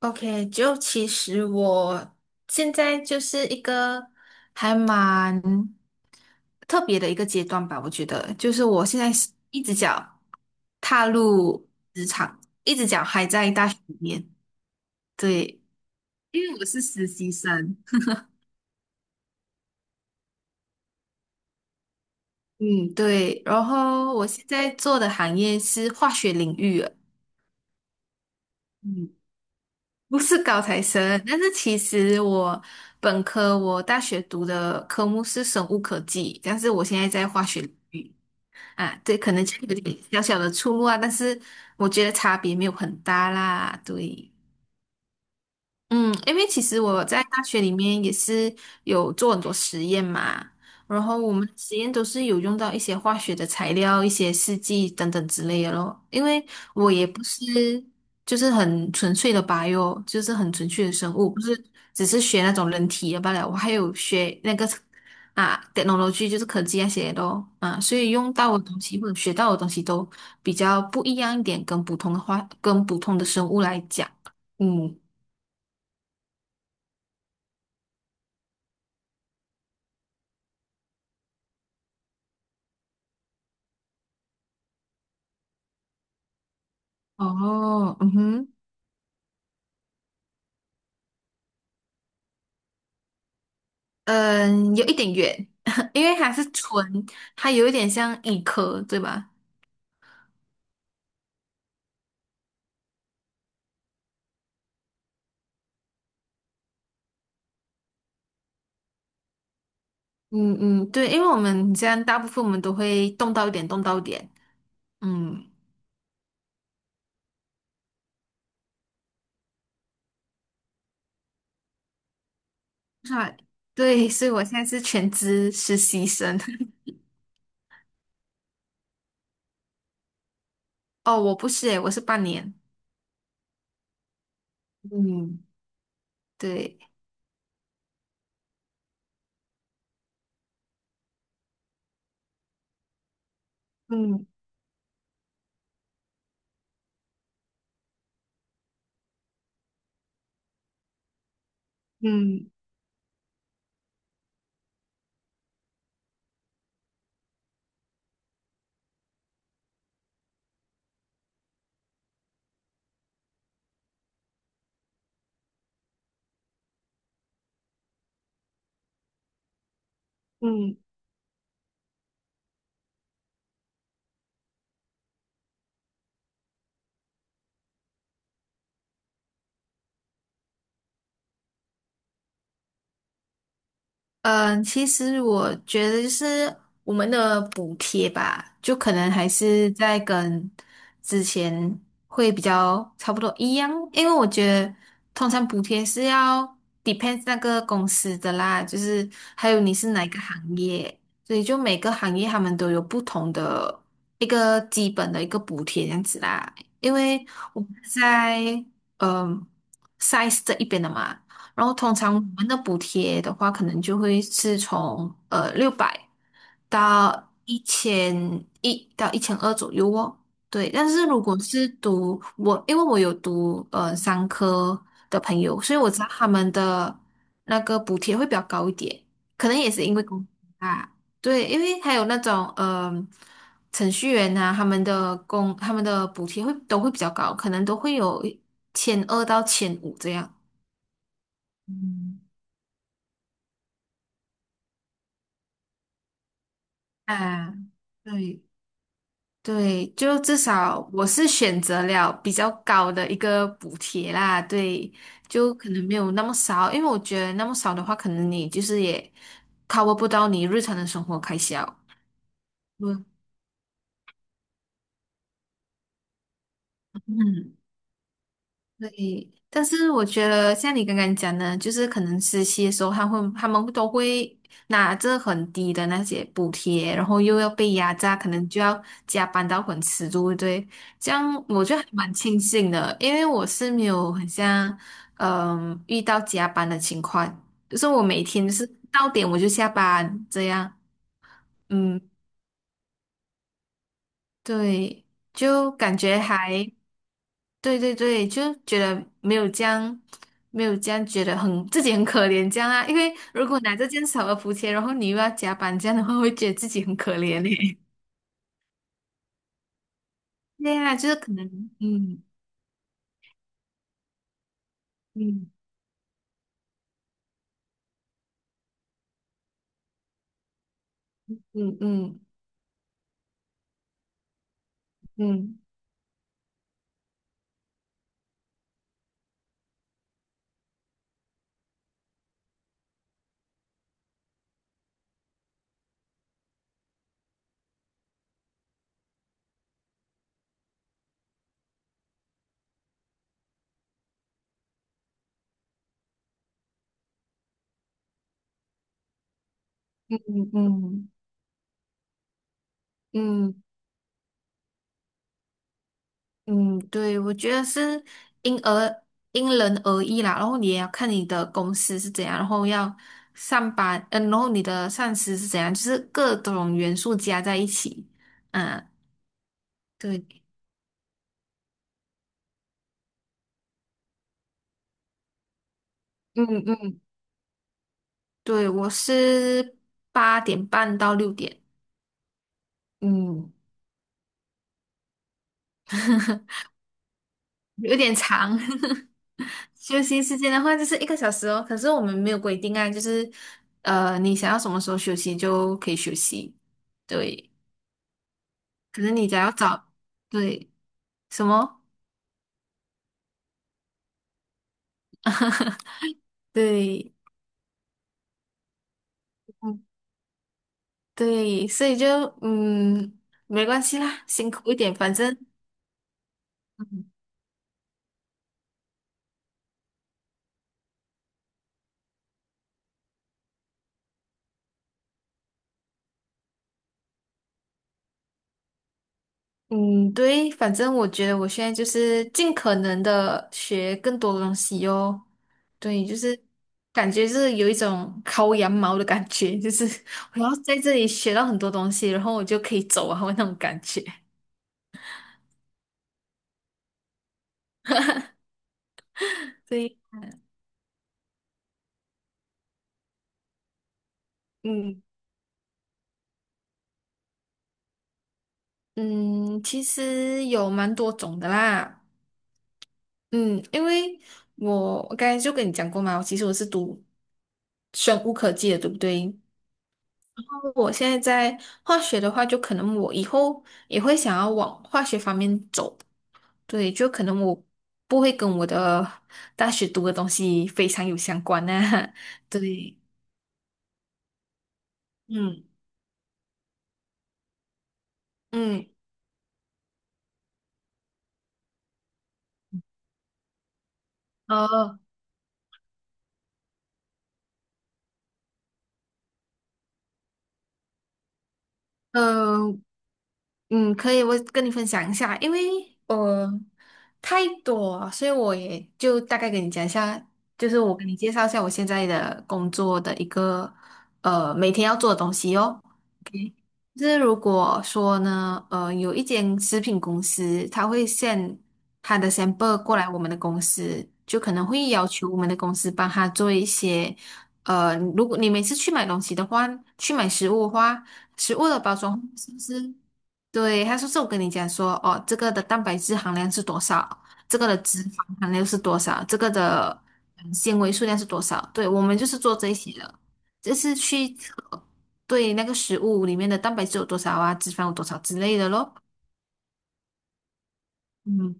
OK，就其实我现在就是一个还蛮特别的一个阶段吧，我觉得就是我现在是一只脚踏入职场，一只脚还在大学里面，对，因为我是实习生，嗯，对，然后我现在做的行业是化学领域了嗯。不是高材生，但是其实我本科我大学读的科目是生物科技，但是我现在在化学领域啊，对，可能就有点小小的出入啊，但是我觉得差别没有很大啦，对。嗯，因为其实我在大学里面也是有做很多实验嘛，然后我们实验都是有用到一些化学的材料、一些试剂等等之类的咯。因为我也不是就是很纯粹的 bio，就是很纯粹的生物，不是只是学那种人体的罢了，我还有学那个啊 technology，就是科技那些的咯啊，所以用到的东西或者学到的东西都比较不一样一点，跟普通的话，跟普通的生物来讲，嗯。哦，嗯哼，嗯，有一点远，因为还是纯，它有一点像医科，对吧？嗯嗯，对，因为我们这样大部分我们都会动到一点，动到一点，嗯，是吧 对，所以我现在是全职实习生。哦，我不是诶，我是半年。嗯，对，嗯嗯嗯。嗯，其实我觉得就是我们的补贴吧，就可能还是在跟之前会比较差不多一样，因为我觉得通常补贴是要 depends 那个公司的啦，就是还有你是哪一个行业，所以就每个行业他们都有不同的一个基本的一个补贴这样子啦。因为我们在嗯 size 这一边的嘛。然后通常我们的补贴的话，可能就会是从600到1100到1200左右哦。对，但是如果是读我，因为我有读商科的朋友，所以我知道他们的那个补贴会比较高一点，可能也是因为工资啊，对，因为还有那种程序员啊，他们的补贴会都会比较高，可能都会有千二到1500这样。嗯。啊，对对，就至少我是选择了比较高的一个补贴啦，对，就可能没有那么少，因为我觉得那么少的话，可能你就是也 cover 不到你日常的生活开销。嗯嗯，对，但是我觉得像你刚刚讲的，就是可能实习的时候，他们都会拿着很低的那些补贴，然后又要被压榨，可能就要加班到很迟，对不对？这样我就还蛮庆幸的，因为我是没有很像遇到加班的情况，就是我每天就是到点我就下班这样，嗯，对，就感觉还。对对对，就觉得没有这样，没有这样觉得很自己很可怜这样啊。因为如果拿着这样少的补贴，然后你又要加班这样的话，会觉得自己很可怜嘞。对呀，就是可能，嗯嗯嗯嗯嗯嗯嗯嗯嗯，嗯对，我觉得是因而因人而异啦。然后你也要看你的公司是怎样，然后要上班，然后你的上司是怎样，就是各种元素加在一起，啊，对。嗯嗯对，我是8:30到6:00，嗯，有点长。休息时间的话就是一个小时哦，可是我们没有规定啊，就是，你想要什么时候休息就可以休息。对，可是你只要早，对，什么？对，嗯，对，所以就嗯，没关系啦，辛苦一点，反正。嗯嗯，对，反正我觉得我现在就是尽可能的学更多的东西哟。对，就是感觉是有一种薅羊毛的感觉，就是我要在这里学到很多东西，然后我就可以走啊，那种感觉。对，嗯嗯，其实有蛮多种的啦。嗯，因为我刚才就跟你讲过嘛，其实我是读生物科技的，对不对？我现在在化学的话，就可能我以后也会想要往化学方面走。对，就可能我不会跟我的大学读的东西非常有相关呢、啊 对，嗯嗯，呃呃可以，我跟你分享一下，因为太多了所以我也就大概跟你讲一下，就是我给你介绍一下我现在的工作的一个每天要做的东西哦。就是如果说呢，有一间食品公司，他会 s 他的 sample 过来我们的公司，就可能会要求我们的公司帮他做一些，如果你每次去买东西的话，去买食物的话，食物的包装是不是？对，他说是我跟你讲说，哦，这个的蛋白质含量是多少，这个的脂肪含量是多少，这个的纤维数量是多少？对，我们就是做这些的，就是去测。对那个食物里面的蛋白质有多少啊，脂肪有多少之类的咯。嗯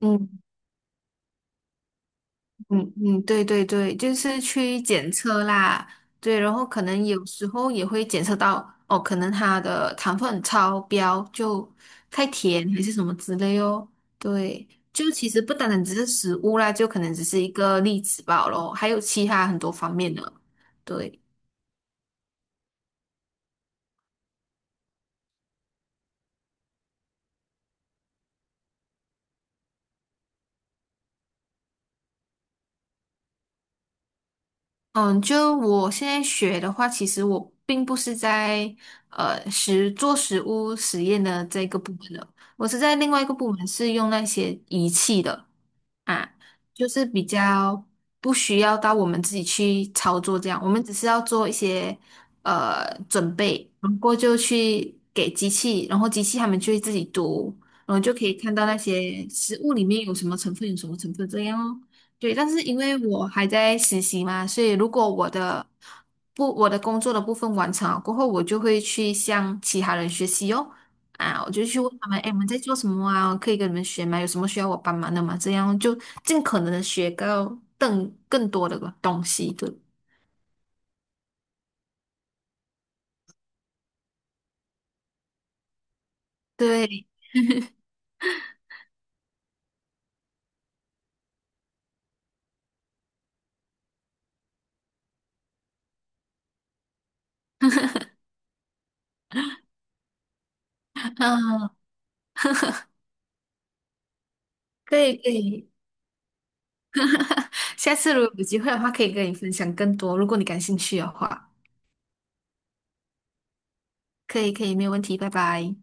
嗯嗯嗯，对对对，就是去检测啦，对，然后可能有时候也会检测到，哦，可能它的糖分超标，就太甜还是什么之类哦。对，就其实不单单只是食物啦，就可能只是一个例子罢咯，还有其他很多方面的。对。嗯，就我现在学的话，其实我并不是在实物实验的这个部门的，我是在另外一个部门是用那些仪器的，啊，就是比较不需要到我们自己去操作这样，我们只是要做一些准备，然后就去给机器，然后机器他们就会自己读，然后就可以看到那些食物里面有什么成分，有什么成分这样哦。对，但是因为我还在实习嘛，所以如果我的不我的工作的部分完成了过后，我就会去向其他人学习哦。啊，我就去问他们，哎，你们在做什么啊？可以跟你们学吗？有什么需要我帮忙的吗？这样就尽可能的学到更多的东西对？对，嗯，可以可以，下次如果有机会的话，可以跟你分享更多，如果你感兴趣的话，可以可以，没有问题，拜拜。